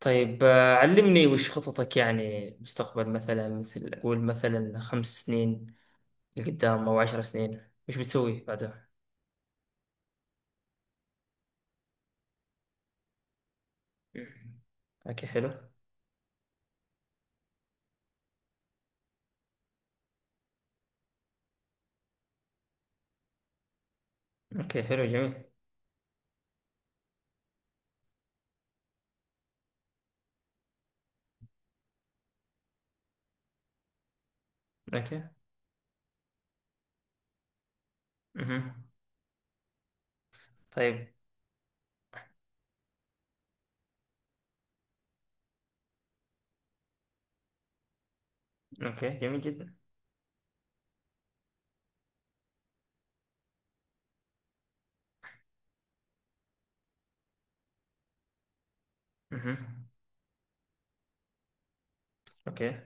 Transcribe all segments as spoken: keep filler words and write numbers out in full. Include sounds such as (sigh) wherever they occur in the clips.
طيب، آه، علمني وش خططك، يعني مستقبل مثلا، مثل قول مثلا خمس سنين لقدام أو عشر سنين. وش بتسوي بعدها؟ مم. أوكي، حلو. أوكي، حلو، جميل. أوكي. مهم. طيب. أوكي، جميل جدا. مهم. أوكي.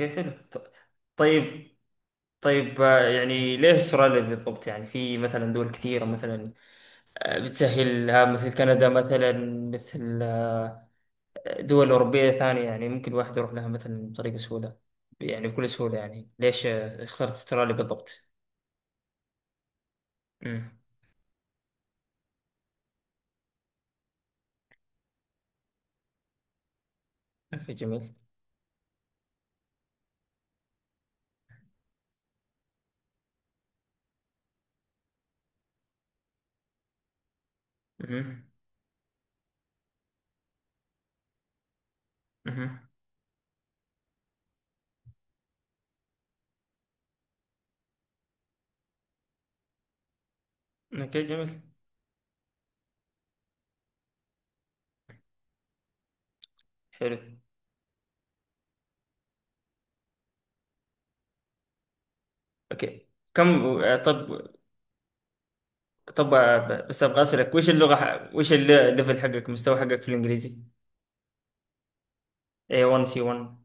أوكي، حلو. ط- طيب. طيب، آه، يعني ليه استراليا بالضبط؟ يعني في مثلا دول كثيرة، مثلا آه، بتسهلها، مثل كندا مثلا، مثل آه، دول أوروبية ثانية، يعني ممكن الواحد يروح لها مثلا بطريقة سهولة، يعني بكل سهولة. يعني ليش آه، اخترت استراليا بالضبط؟ امم اوكي، جميل. امم امم اوكي، جميل، حلو. اوكي. كم آه، طب. طب، آه، ب- بس ابغى اسالك، وش اللغة ح- وش الليفل حقك، مستوى حقك في الانجليزي؟ إيه ون سي ون.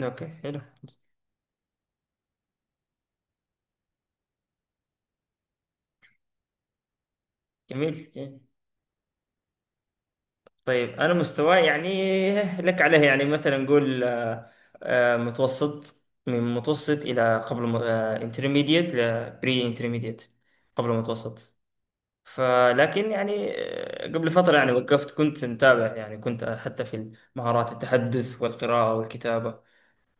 اوكي، حلو، جميل. طيب، انا مستواي يعني لك عليه، يعني مثلا نقول آه، آه، متوسط، من متوسط الى قبل انترميديت، لبري انترميديت، قبل متوسط. فلكن يعني، آه، قبل فترة يعني وقفت، كنت متابع، يعني كنت حتى في مهارات التحدث والقراءة والكتابة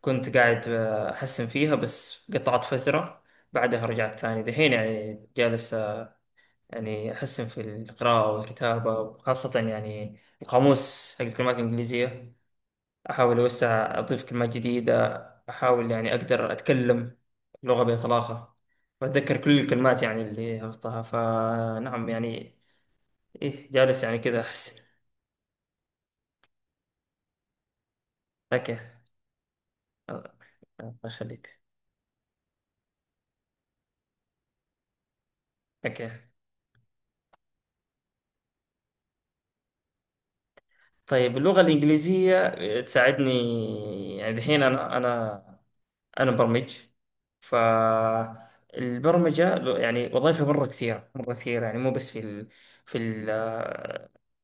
كنت قاعد آه، أحسن فيها، بس قطعت فترة. بعدها رجعت ثاني، دحين يعني جالس يعني أحسن في القراءة والكتابة، وخاصة يعني القاموس حق الكلمات الإنجليزية، أحاول أوسع، أضيف كلمات جديدة. أحاول يعني أقدر أتكلم لغة بطلاقة وأتذكر كل الكلمات يعني اللي حفظتها. فنعم يعني، إيه، جالس يعني كذا أحسن. أوكي. الله يخليك. أوكي. طيب، اللغة الإنجليزية تساعدني. يعني الحين أنا أنا انا برمج، فالبرمجة يعني وظائفها مرة كثيرة، مرة كثيرة، يعني مو بس في ال في ال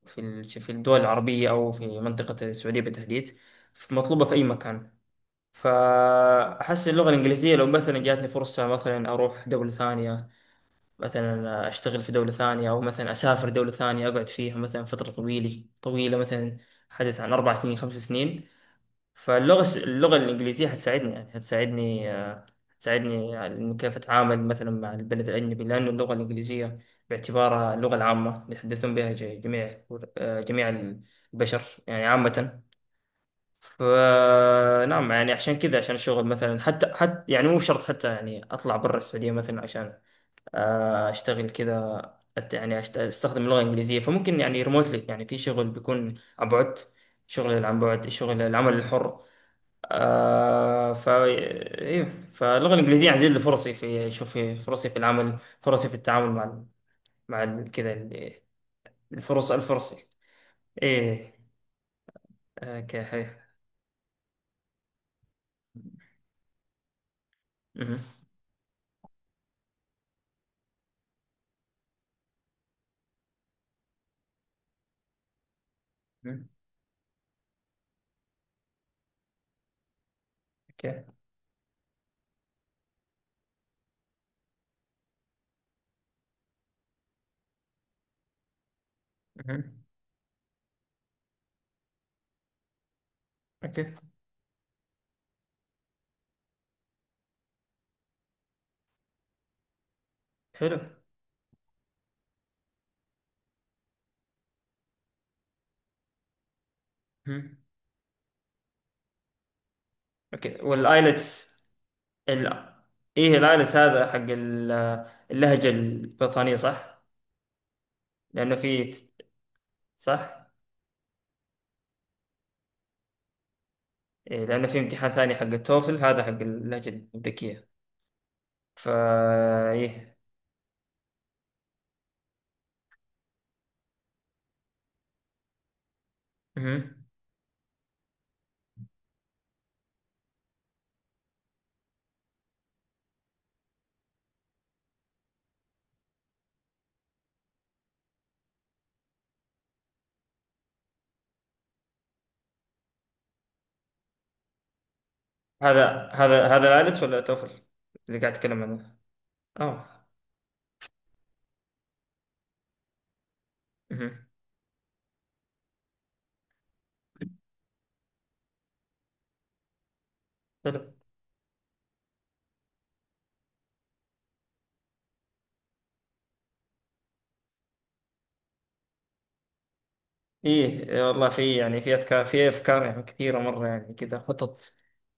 في ال في الدول العربية أو في منطقة السعودية بالتحديد، مطلوبة في أي مكان. فأحس اللغة الإنجليزية لو مثلا جاتني فرصة، مثلا أروح دولة ثانية، مثلا أشتغل في دولة ثانية، أو مثلا أسافر دولة ثانية أقعد فيها مثلا فترة طويلة طويلة، مثلا حدث عن أربع سنين، خمس سنين. فاللغة الس- اللغة الإنجليزية هتساعدني، يعني هتساعدني، آه، هتساعدني على إنه كيف أتعامل مثلا مع البلد الأجنبي، لأنه اللغة الإنجليزية باعتبارها اللغة العامة بيتحدثون بها ج- جميع آه، جميع البشر يعني عامة. فنعم يعني، عشان كذا، عشان الشغل مثلا، حتى حتى يعني مو شرط حتى يعني أطلع برا السعودية مثلا عشان آه، أشتغل كذا. أت- يعني أشت- أستخدم اللغة الإنجليزية، فممكن يعني ريموتلي، يعني في شغل بيكون عن بعد، شغل عن بعد، الشغل العمل الحر. آه، فا ايه، فاللغه الانجليزيه هتزيد لي فرصي في، شوف، في فرصي في العمل، فرصي في التعامل مع ال- مع ال- كده ال- الفرص، الفرص. ايه. آه، اوكي، حلو. مهم. مهم. اوكي. مهم. اوكي، حلو. مهم. اوكي، والايلتس. ال... ايه، الايلتس هذا حق ال- اللهجه البريطانيه، صح؟ لانه في، صح، إيه، لانه في امتحان ثاني حق التوفل، هذا حق اللهجه الامريكيه. فا ايه. مهم. هذا هذا هذا العالج ولا طفل اللي قاعد اتكلم عنه. اه. مهم. حلو. ايه، إيه والله في، يعني في افكار، في افكار، يعني كثيره مره، يعني كذا خطط،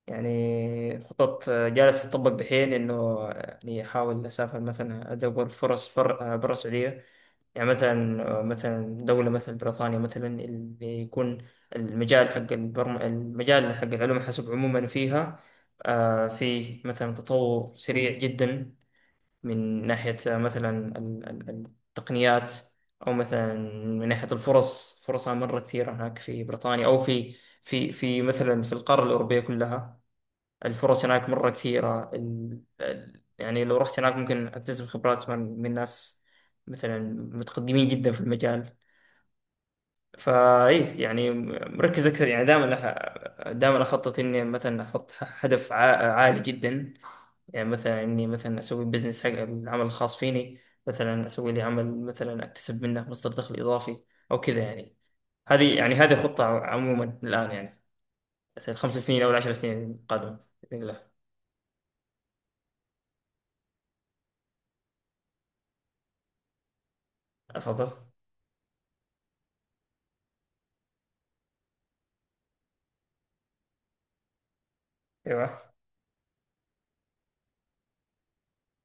يعني خطط آه، جالس تطبق دحين، انه آه، يعني احاول اسافر، مثلا ادور فرص، فر- آه، برا السعوديه. يعني مثلا آه، مثلا دوله مثل بريطانيا مثلا، اللي يكون المجال حق البرم... المجال حق العلوم الحاسب عموما فيها آه، فيه مثلا تطور سريع جدا، من ناحية مثلا ال- ال- التقنيات، أو مثلا من ناحية الفرص، فرصها مرة كثيرة هناك في بريطانيا، أو في في في مثلا في القارة الأوروبية كلها. الفرص هناك مرة كثيرة. ال- ال- يعني لو رحت هناك ممكن أكتسب خبرات من من ناس مثلا متقدمين جدا في المجال. فايه، يعني مركز اكثر، يعني دائما أح- دائما اخطط اني مثلا احط هدف عا- عالي جدا، يعني مثلا إني مثلا أسوي بزنس حق العمل الخاص فيني، مثلا أسوي لي عمل مثلا أكتسب منه مصدر دخل إضافي، أو كذا يعني. هذه يعني، هذه خطة عموما الآن، يعني مثلا الخمس سنين أو العشر سنين القادمة بإذن الله. أفضل. أيوه،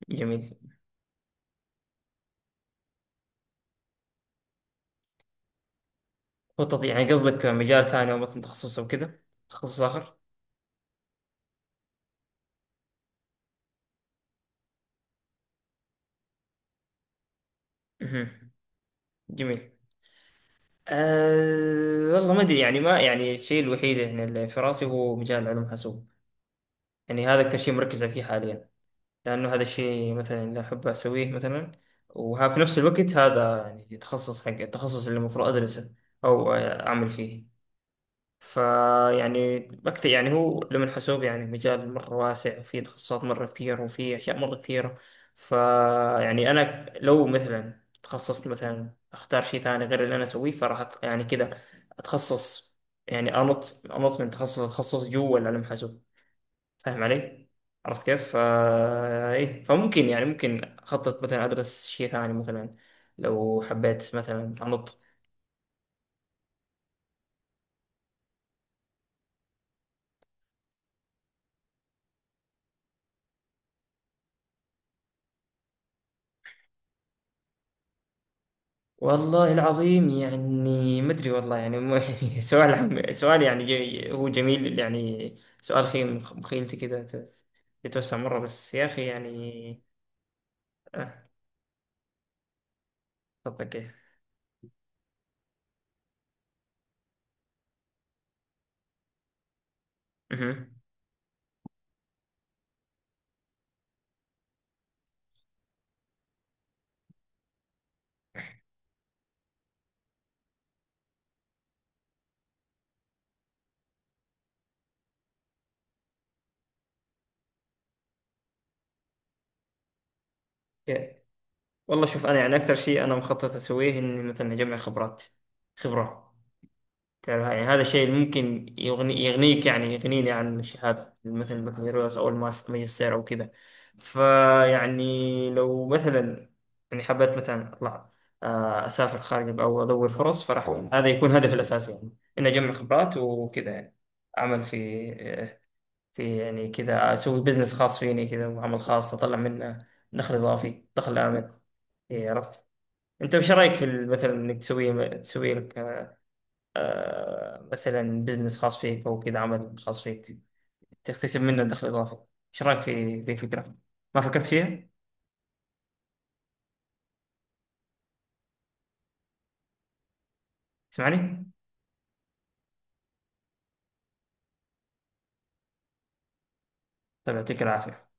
جميل. خطط يعني قصدك مجال ثاني أو مثلا تخصص أو كذا، تخصص آخر؟ مهم. جميل. أه والله ما أدري يعني، ما يعني الشيء الوحيد يعني اللي في راسي هو مجال علوم حاسوب. يعني هذا أكثر شيء مركز فيه حاليا، لأنه هذا الشيء مثلا اللي أحب أسويه مثلا، وها في نفس الوقت هذا يعني تخصص حق التخصص اللي المفروض أدرسه أو أعمل فيه. فيعني بكتب يعني، هو علم الحاسوب يعني مجال مرة واسع، وفيه تخصصات مرة كثير، وفيه أشياء مرة كثيرة. فيعني أنا لو مثلا تخصصت مثلا أختار شيء ثاني غير اللي أنا أسويه، فراح أت- يعني كذا أتخصص، يعني أنط أنط من تخصص لتخصص جوا العلم الحاسوب. فاهم علي؟ عرفت كيف؟ فا ايه، فممكن يعني ممكن اخطط مثلا ادرس شيء ثاني مثلا، لو حبيت مثلا انط. والله العظيم يعني ما ادري والله، يعني مو- (laughs) سؤال عم- سؤال يعني جي هو جميل يعني، سؤال خيم مخيلتي كذا، ت- يتوسع مره، بس يا اخي يعني آه، خطك كيف. مهم. يا- والله شوف انا يعني اكثر شيء انا مخطط اسويه اني مثلا اجمع خبرات، خبره، تعرف يعني هذا الشيء اللي ممكن يغني، يغنيك يعني يغنيني عن شهادة مثل البكالوريوس أو الماس- الماجستير أو كذا. فيعني لو مثلا يعني حبيت مثلا أطلع آه، أسافر خارج أو أدور فرص، فراح هذا يكون هدفي الأساسي، يعني إني أجمع خبرات وكذا يعني. أعمل في، في يعني كذا، أسوي بزنس خاص فيني كذا، وعمل خاص أطلع منه دخل إضافي، دخل آمن. إيه، عرفت؟ أنت وش رأيك في مثلا إنك تسوي تسوي آه، مثلا بزنس خاص فيك، او كده عمل خاص فيك تكتسب منه دخل اضافي؟ ايش رايك في ذي الفكره؟ ما فكرت فيها؟ تسمعني؟ طيب، يعطيك العافيه.